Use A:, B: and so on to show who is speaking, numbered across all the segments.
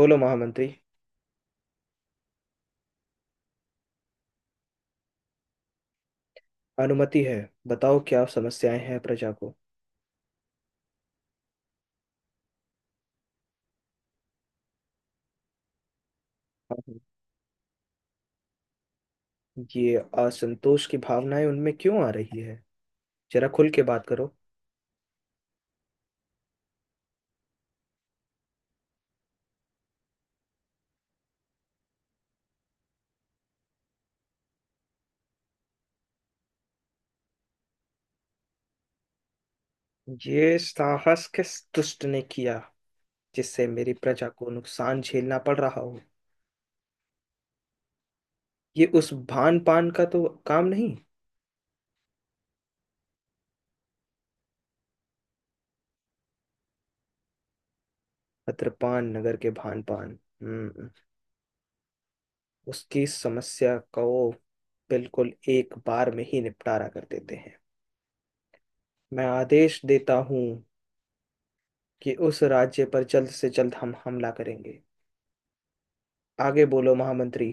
A: बोलो महामंत्री। अनुमति है। बताओ क्या समस्याएं हैं प्रजा को। हाँ। ये असंतोष की भावनाएं उनमें क्यों आ रही है? जरा खुल के बात करो। ये साहस किस दुष्ट ने किया जिससे मेरी प्रजा को नुकसान झेलना पड़ रहा हो? ये उस भान पान का तो काम नहीं। अत्रपान नगर के भान पान। हम्म। उसकी समस्या को बिल्कुल एक बार में ही निपटारा कर देते हैं। मैं आदेश देता हूँ कि उस राज्य पर जल्द से जल्द हम हमला करेंगे। आगे बोलो महामंत्री।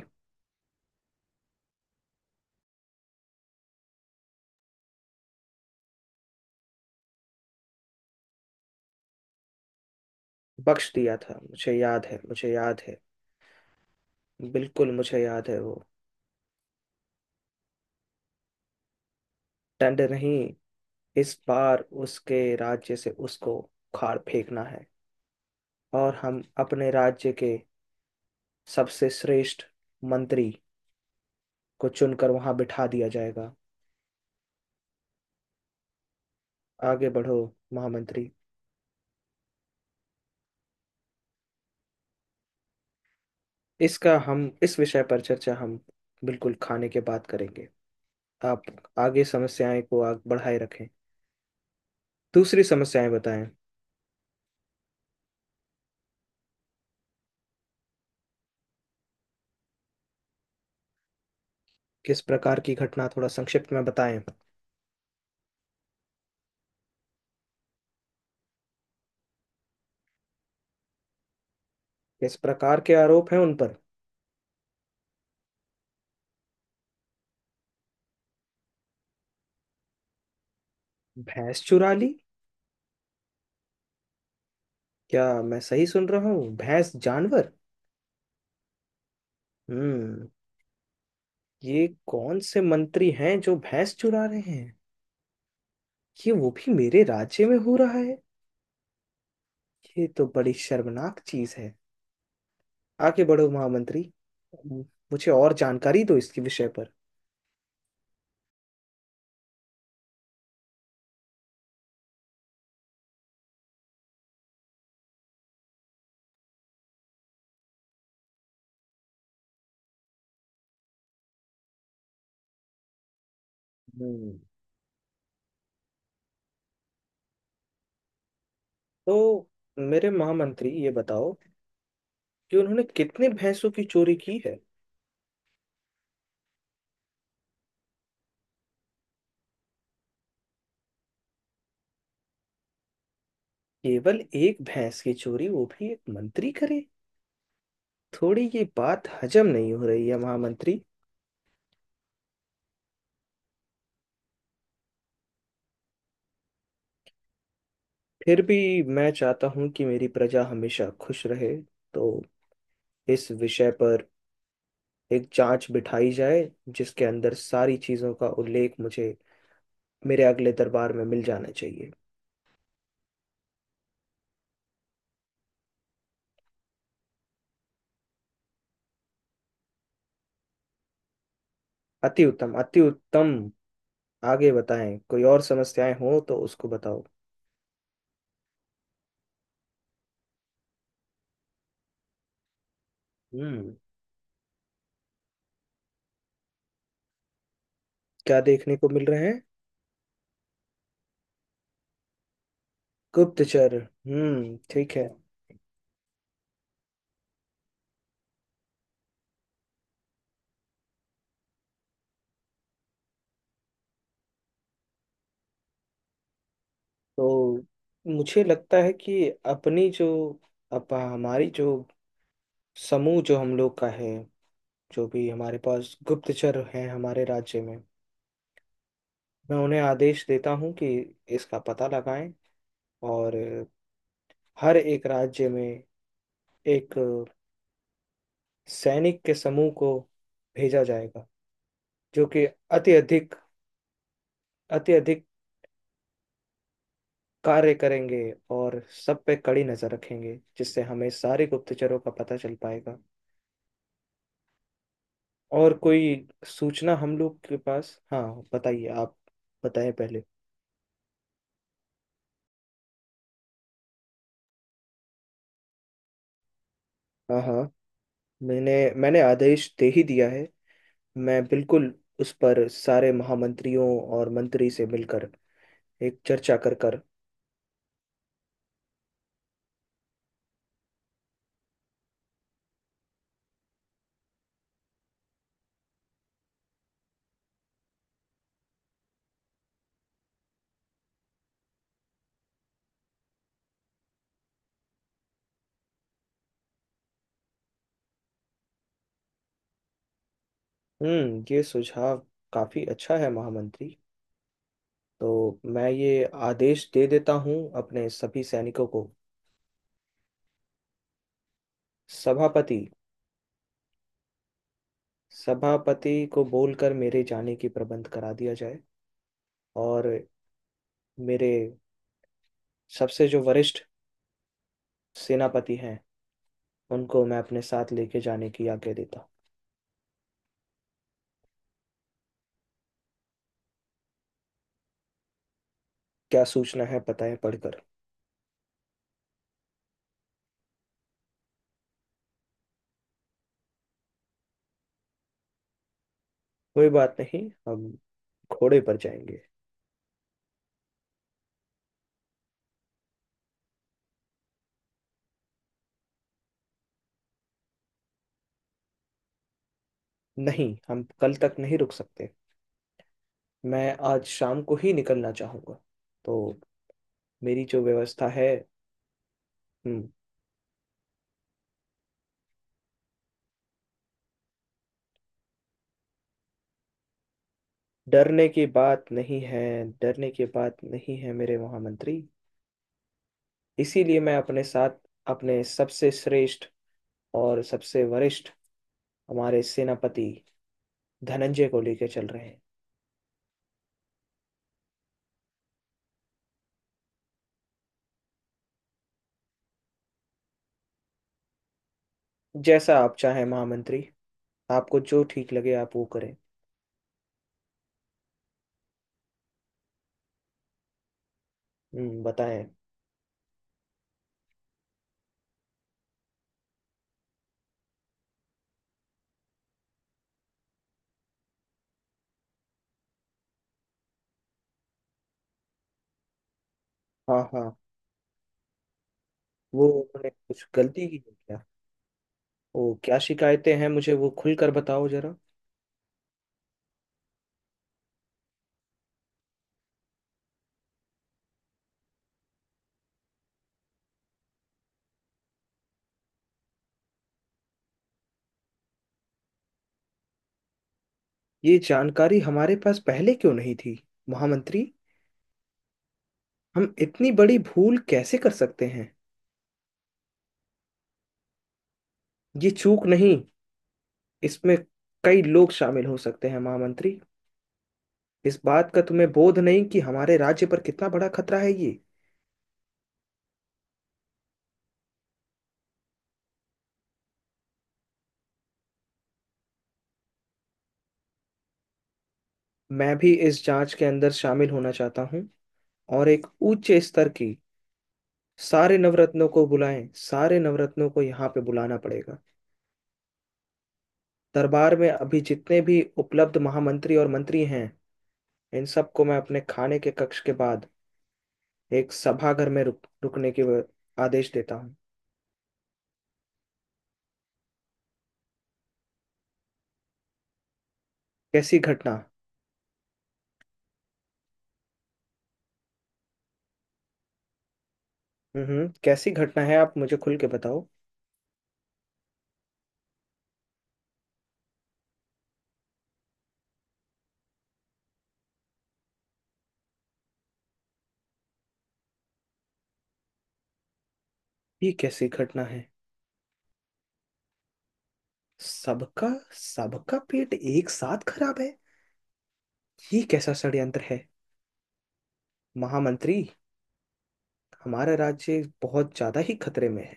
A: बख्श दिया था, मुझे याद है, मुझे याद है। बिल्कुल मुझे याद है वो। दंड नहीं, इस बार उसके राज्य से उसको उखाड़ फेंकना है। और हम अपने राज्य के सबसे श्रेष्ठ मंत्री को चुनकर वहां बिठा दिया जाएगा। आगे बढ़ो महामंत्री। इसका हम इस विषय पर चर्चा हम बिल्कुल खाने के बाद करेंगे। आप आगे समस्याएं को आग बढ़ाए रखें। दूसरी समस्याएं बताएं। किस प्रकार की घटना? थोड़ा संक्षिप्त में बताएं। किस प्रकार के आरोप हैं उन पर? भैंस चुरा ली? क्या मैं सही सुन रहा हूँ? भैंस? जानवर? हम्म। ये कौन से मंत्री हैं जो भैंस चुरा रहे हैं? ये वो भी मेरे राज्य में हो रहा है? ये तो बड़ी शर्मनाक चीज है। आगे बढ़ो महामंत्री। मुझे और जानकारी दो इसके विषय पर। हम्म। तो मेरे महामंत्री ये बताओ कि उन्होंने कितने भैंसों की चोरी की है। केवल एक भैंस की चोरी, वो भी एक मंत्री करे? थोड़ी ये बात हजम नहीं हो रही है महामंत्री। फिर भी मैं चाहता हूं कि मेरी प्रजा हमेशा खुश रहे। तो इस विषय पर एक जांच बिठाई जाए जिसके अंदर सारी चीजों का उल्लेख मुझे मेरे अगले दरबार में मिल जाना चाहिए। अति उत्तम, अति उत्तम। आगे बताएं कोई और समस्याएं हो तो उसको बताओ। हम्म। क्या देखने को मिल रहे हैं? गुप्तचर। हम्म, ठीक है। तो मुझे लगता है कि अपनी जो, अप हमारी जो समूह जो हम लोग का है, जो भी हमारे पास गुप्तचर हैं हमारे राज्य में, मैं उन्हें आदेश देता हूँ कि इसका पता लगाएं। और हर एक राज्य में एक सैनिक के समूह को भेजा जाएगा जो कि अति अधिक, अति अधिक कार्य करेंगे और सब पे कड़ी नजर रखेंगे जिससे हमें सारे गुप्तचरों का पता चल पाएगा। और कोई सूचना हम लोग के पास? हाँ, बताइए आप। बताएं पहले। हाँ, हाँ। मैंने मैंने आदेश दे ही दिया है। मैं बिल्कुल उस पर सारे महामंत्रियों और मंत्री से मिलकर एक चर्चा कर कर। हम्म, ये सुझाव काफी अच्छा है महामंत्री। तो मैं ये आदेश दे देता हूँ अपने सभी सैनिकों को। सभापति, सभापति को बोलकर मेरे जाने की प्रबंध करा दिया जाए। और मेरे सबसे जो वरिष्ठ सेनापति हैं उनको मैं अपने साथ लेके जाने की आज्ञा देता। क्या सूचना है? पता है पढ़कर। कोई बात नहीं, हम घोड़े पर जाएंगे। नहीं, हम कल तक नहीं रुक सकते। मैं आज शाम को ही निकलना चाहूंगा। तो मेरी जो व्यवस्था है। हम्म, डरने की बात नहीं है। डरने की बात नहीं है मेरे महामंत्री। इसीलिए मैं अपने साथ अपने सबसे श्रेष्ठ और सबसे वरिष्ठ हमारे सेनापति धनंजय को लेकर चल रहे हैं। जैसा आप चाहें महामंत्री, आपको जो ठीक लगे आप वो करें। हम्म, बताएं। हाँ, हाँ। वो उन्होंने कुछ गलती की है क्या? वो क्या शिकायतें हैं मुझे वो खुलकर बताओ जरा। ये जानकारी हमारे पास पहले क्यों नहीं थी महामंत्री? हम इतनी बड़ी भूल कैसे कर सकते हैं? ये चूक नहीं, इसमें कई लोग शामिल हो सकते हैं महामंत्री। इस बात का तुम्हें बोध नहीं कि हमारे राज्य पर कितना बड़ा खतरा है ये? मैं भी इस जांच के अंदर शामिल होना चाहता हूँ। और एक उच्च स्तर की, सारे नवरत्नों को बुलाएं, सारे नवरत्नों को यहाँ पे बुलाना पड़ेगा। दरबार में अभी जितने भी उपलब्ध महामंत्री और मंत्री हैं, इन सबको मैं अपने खाने के कक्ष के बाद एक सभागार में रुकने के आदेश देता हूँ। कैसी घटना? हम्म, कैसी घटना है आप मुझे खुल के बताओ। ये कैसी घटना है? सबका, सबका पेट एक साथ खराब है? ये कैसा षड्यंत्र है महामंत्री? हमारा राज्य बहुत ज्यादा ही खतरे में है।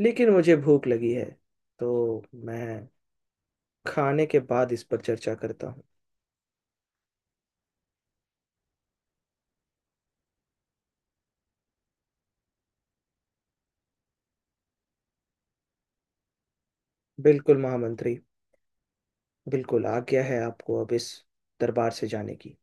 A: लेकिन मुझे भूख लगी है, तो मैं खाने के बाद इस पर चर्चा करता हूँ। बिल्कुल महामंत्री। बिल्कुल आज्ञा है आपको अब इस दरबार से जाने की।